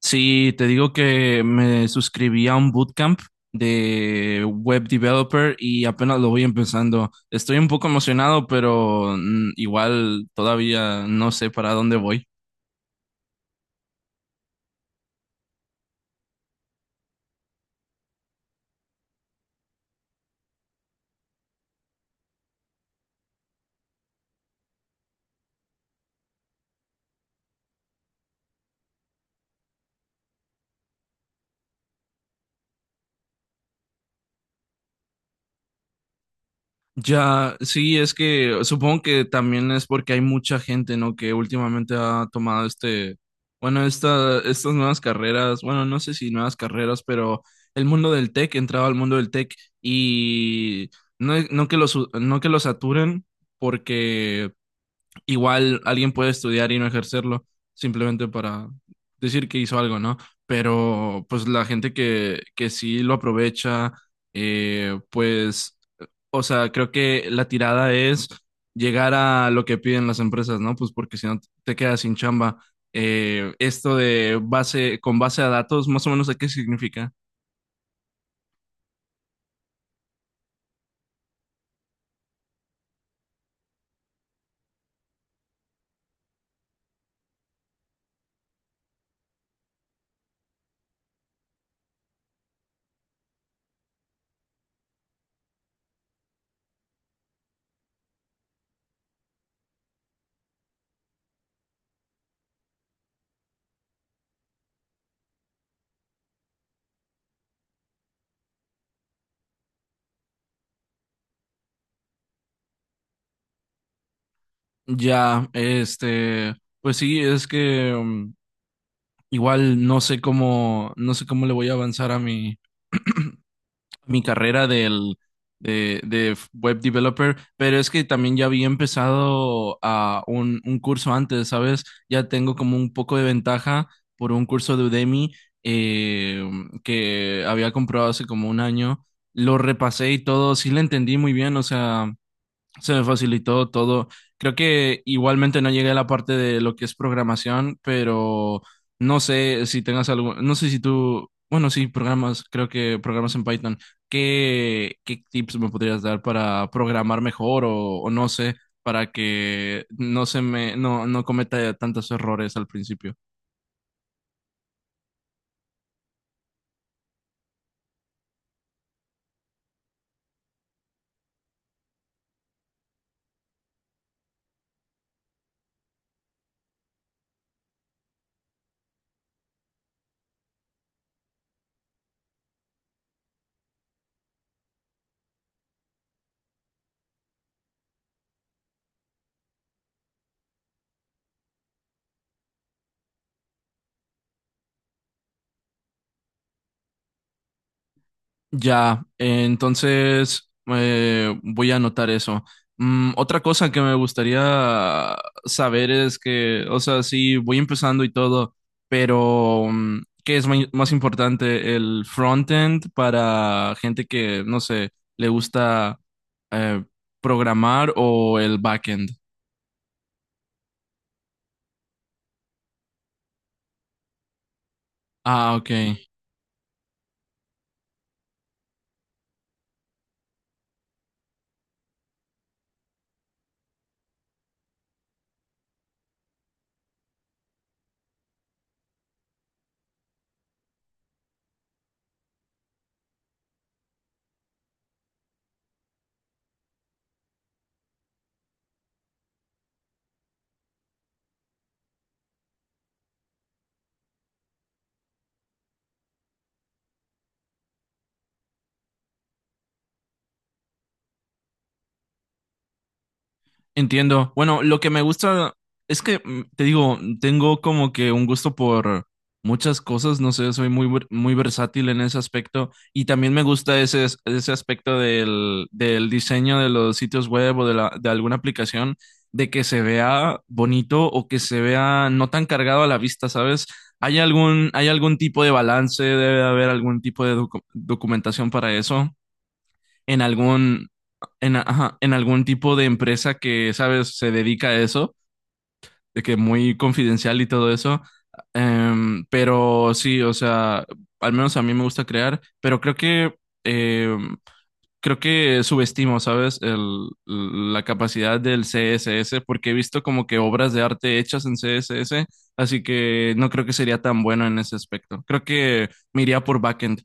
Sí, te digo que me suscribí a un bootcamp de web developer y apenas lo voy empezando. Estoy un poco emocionado, pero igual todavía no sé para dónde voy. Ya, sí, es que supongo que también es porque hay mucha gente, ¿no? Que últimamente ha tomado estas nuevas carreras, bueno, no sé si nuevas carreras, pero el mundo del tech, entraba al mundo del tech y no que los saturen porque igual alguien puede estudiar y no ejercerlo simplemente para decir que hizo algo, ¿no? Pero pues la gente que sí lo aprovecha, pues, o sea, creo que la tirada es llegar a lo que piden las empresas, ¿no? Pues porque si no te quedas sin chamba. Esto de base, con base a datos, más o menos, ¿de qué significa? Ya, este, pues sí, es que igual no sé cómo, no sé cómo le voy a avanzar a mi carrera de web developer, pero es que también ya había empezado a un curso antes, ¿sabes? Ya tengo como un poco de ventaja por un curso de Udemy, eh, que había comprado hace como un año. Lo repasé y todo, sí le entendí muy bien, o sea, se me facilitó todo. Creo que igualmente no llegué a la parte de lo que es programación, pero no sé si tengas algo, no sé si tú, bueno, sí, programas, creo que programas en Python. ¿¿Qué tips me podrías dar para programar mejor o no sé, para que no se me, no cometa tantos errores al principio? Ya, entonces voy a anotar eso. Mm, otra cosa que me gustaría saber es que, o sea, sí, voy empezando y todo, pero ¿qué es más importante? ¿El frontend para gente que, no sé, le gusta eh, programar o el backend? Ah, ok. Entiendo. Bueno, lo que me gusta es que, te digo, tengo como que un gusto por muchas cosas, no sé, muy versátil en ese aspecto y también me gusta ese aspecto del diseño de los sitios web o de, de alguna aplicación, de que se vea bonito o que se vea no tan cargado a la vista, ¿sabes? ¿Hay algún tipo de balance? ¿Debe haber algún tipo de documentación para eso? En algún, en, ajá, en algún tipo de empresa que, sabes, se dedica a eso, de que muy confidencial y todo eso. Pero sí, o sea, al menos a mí me gusta crear, pero em, creo que subestimo, ¿sabes? La capacidad del CSS, porque he visto como que obras de arte hechas en CSS, así que no creo que sería tan bueno en ese aspecto. Creo que me iría por backend.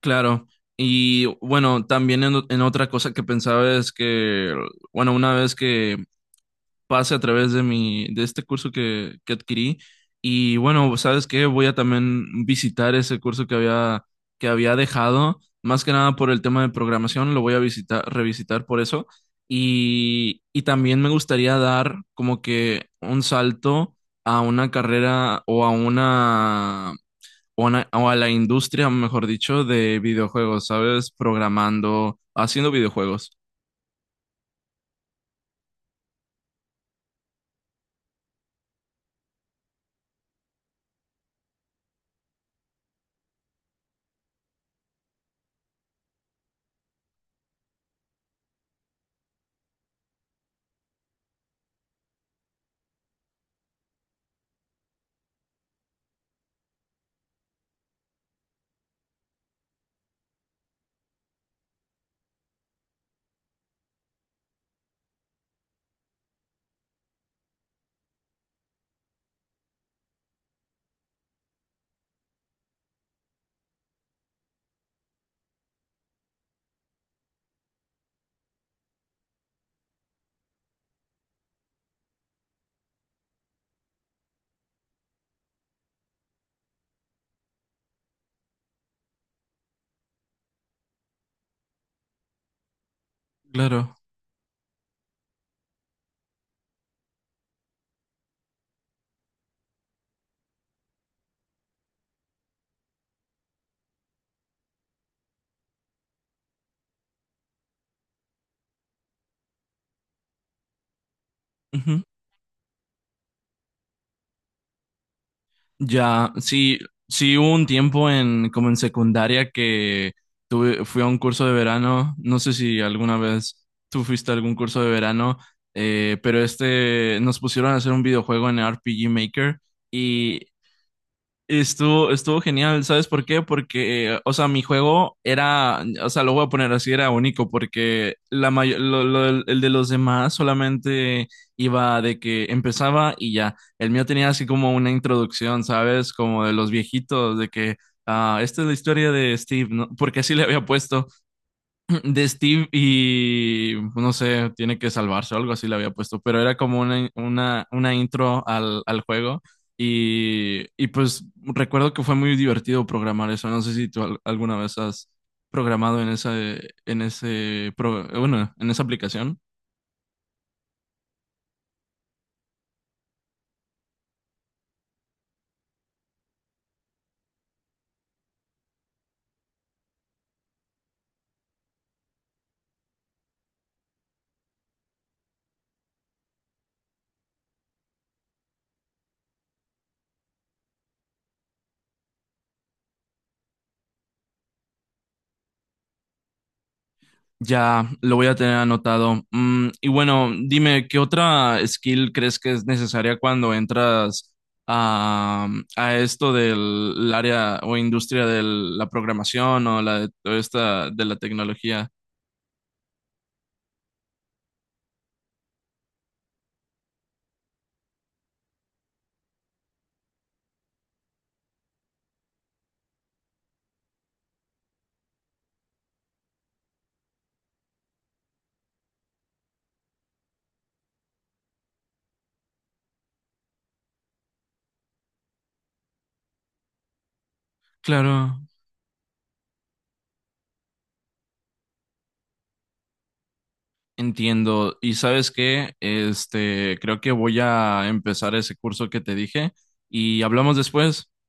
Claro, y bueno, también en otra cosa que pensaba es que, bueno, una vez que pase a través de mi, de este curso que adquirí, y bueno, ¿sabes qué? Voy a también visitar ese curso que había dejado, más que nada por el tema de programación, lo voy a visitar, revisitar por eso, y también me gustaría dar como que un salto a una carrera o a una o a la industria, mejor dicho, de videojuegos, ¿sabes? Programando, haciendo videojuegos. Claro. Ujú. Ya, sí, sí hubo un tiempo en, como en secundaria que tuve, fui a un curso de verano, no sé si alguna vez tú fuiste a algún curso de verano, pero este, nos pusieron a hacer un videojuego en RPG Maker y estuvo, estuvo genial, ¿sabes por qué? Porque, o sea, mi juego era, o sea, lo voy a poner así, era único, porque la may- lo- el de los demás solamente iba de que empezaba y ya. El mío tenía así como una introducción, ¿sabes? Como de los viejitos, de que, ah, esta es la historia de Steve, ¿no? Porque así le había puesto de Steve y pues, no sé, tiene que salvarse o algo así le había puesto, pero era como una intro al juego y pues recuerdo que fue muy divertido programar eso. No sé si tú alguna vez has programado en esa, en ese, bueno, en esa aplicación. Ya, lo voy a tener anotado. Mm, y bueno, dime, ¿qué otra skill crees que es necesaria cuando entras a, a esto del área o industria de la programación o la de toda esta de la tecnología? Claro, entiendo. ¿Y sabes qué? Este, creo que voy a empezar ese curso que te dije y hablamos después.